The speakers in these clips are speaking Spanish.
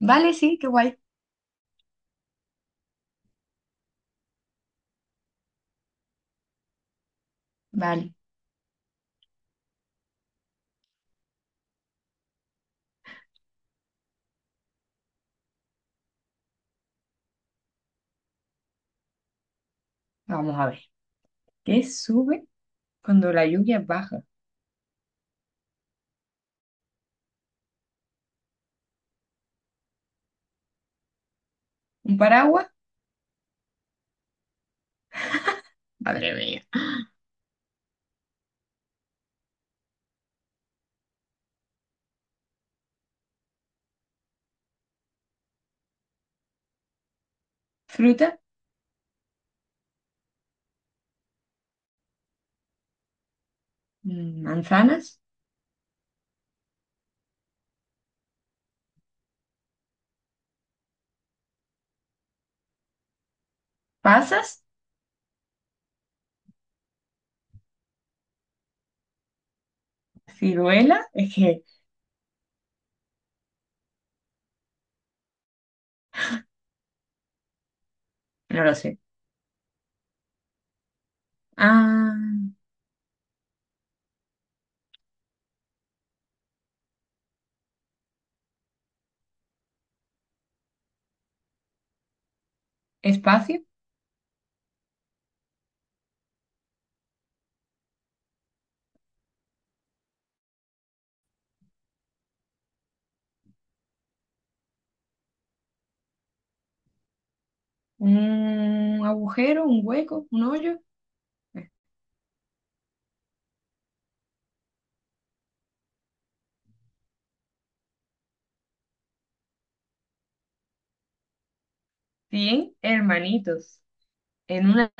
Vale, sí, qué guay. Vale, vamos a ver. ¿Qué sube cuando la lluvia baja? ¿Un paraguas? Madre mía. ¿Fruta? ¿Manzanas? ¿Pasas? ¿Ciruela? Es que no lo sé. Ah, ¿espacio? ¿Un agujero? ¿Un hueco? ¿Un hoyo? Eh, 100 hermanitos en una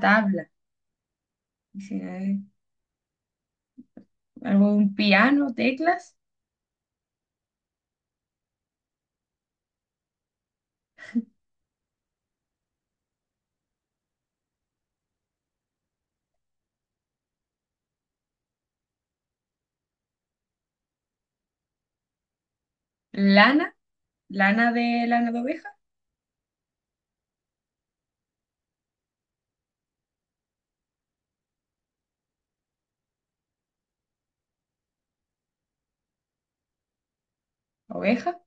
tabla. Dice, algo de un piano, teclas, lana, lana de oveja, oveja,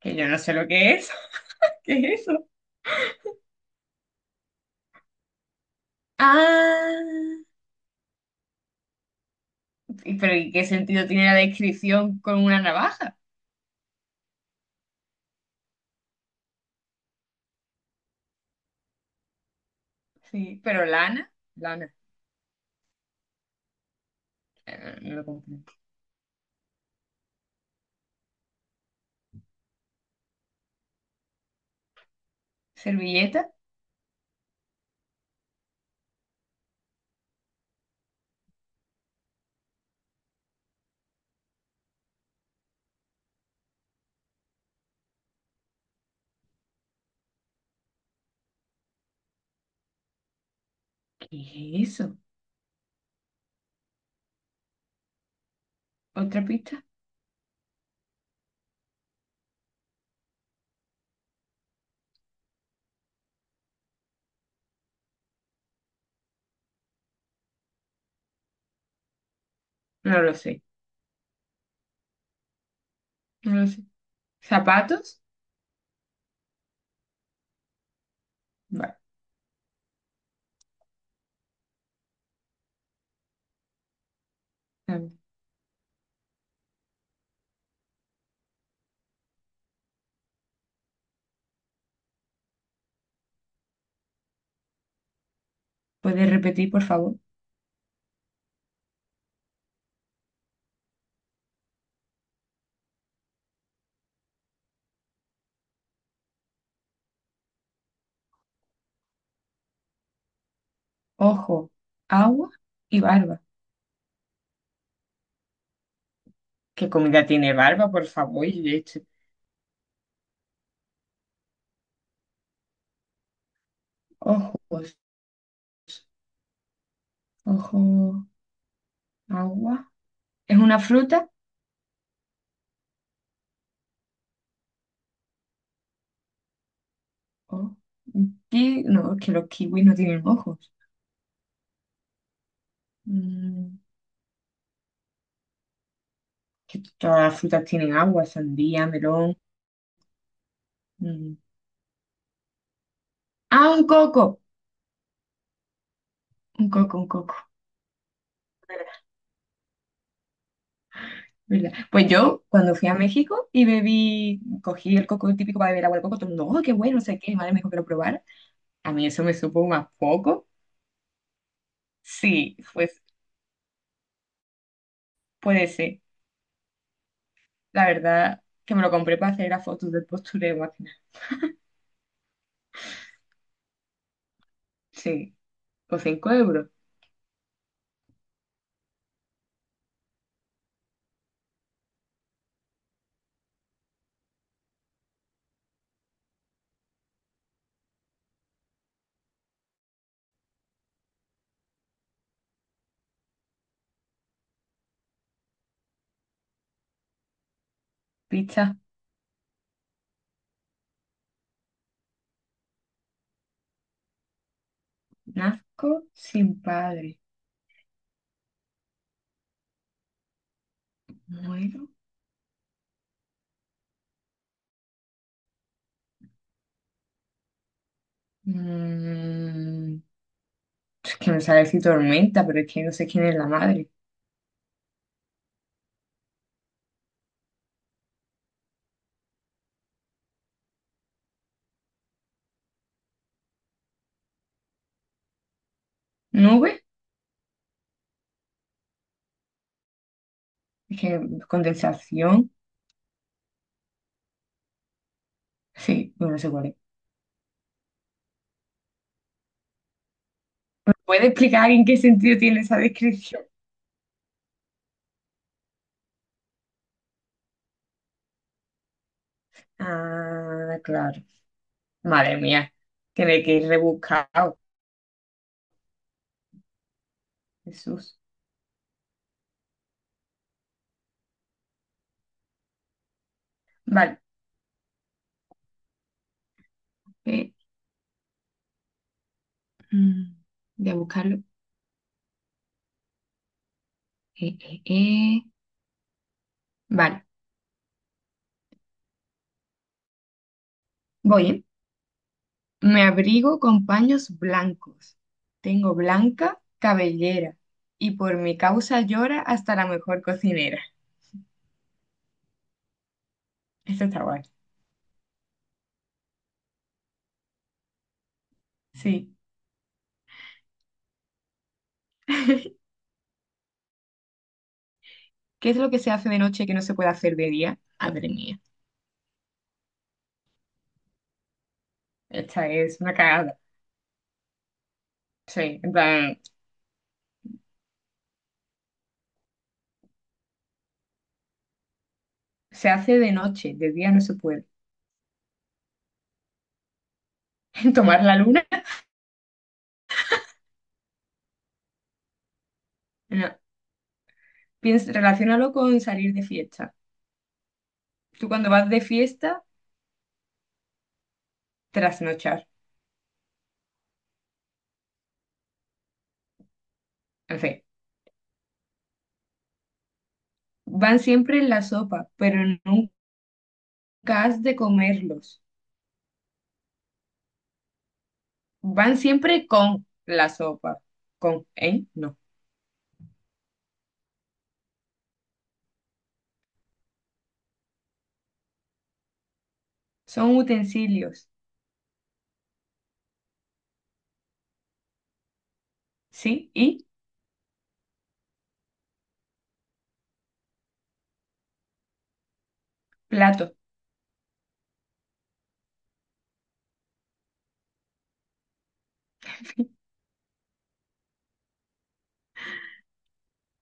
que yo no sé lo que es. ¿Qué es eso? Ah, pero ¿y qué sentido tiene la descripción con una navaja? Sí, pero lana, lana, no lo comprendo. ¿Servilleta? ¿Qué es eso? ¿Otra pista? No lo sé, no lo sé. ¿Zapatos? Vale, a ver. ¿Puedes repetir, por favor? Ojo, agua y barba. ¿Qué comida tiene barba, por favor? Y leche. Ojos, ojo, agua. ¿Es una fruta? Oh, no, es que los kiwis no tienen ojos. Mm. Que todas las frutas tienen agua, sandía, melón. Mm. Ah, un coco, un coco, un coco. ¿Verdad? Pues yo, cuando fui a México y bebí, cogí el coco típico para beber agua de coco, todo el mundo, oh, qué bueno, no sé qué, mi madre me dijo que lo probara. A mí eso me supo más poco. Sí, pues puede ser. La verdad que me lo compré para hacer las fotos del postureo, más que nada. Sí, por cinco euros. Pizza, nazco sin padre. Muero. Mm, Es que me sale así tormenta, pero es que no sé quién es la madre. ¿Nube? Es que condensación. Sí, bueno, no sé cuál es. ¿Puede explicar en qué sentido tiene esa descripción? Ah, claro. Madre mía, tiene que ir rebuscado. Jesús. Vale. Eh, mm, voy a buscarlo. Eh, eh, eh. Vale, voy, ¿eh? Me abrigo con paños blancos. Tengo blanca cabellera. Y por mi causa llora hasta la mejor cocinera. Esto está guay. Sí. ¿Qué es lo que se hace de noche que no se puede hacer de día? Madre mía, esta es una cagada. Sí, en plan, se hace de noche, de día no se puede. ¿Tomar la luna? No. Piensa, relaciónalo con salir de fiesta. Tú cuando vas de fiesta, trasnochar. En fin, van siempre en la sopa, pero nunca has de comerlos. Van siempre con la sopa. Con, ¿eh? No. Son utensilios, ¿sí? Y platos.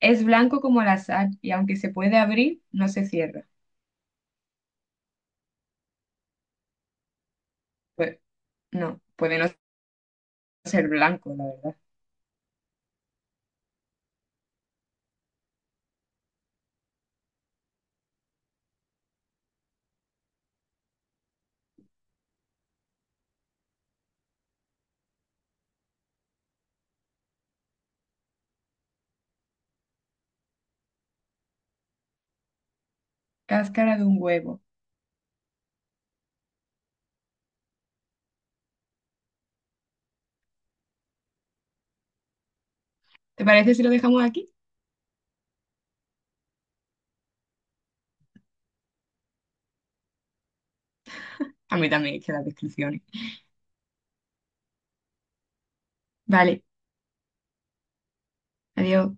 Es blanco como la sal y aunque se puede abrir, no se cierra. Pues no, puede no ser blanco, la verdad. Cáscara de un huevo. ¿Te parece si lo dejamos aquí? A mí también, es que las descripciones. Vale, adiós.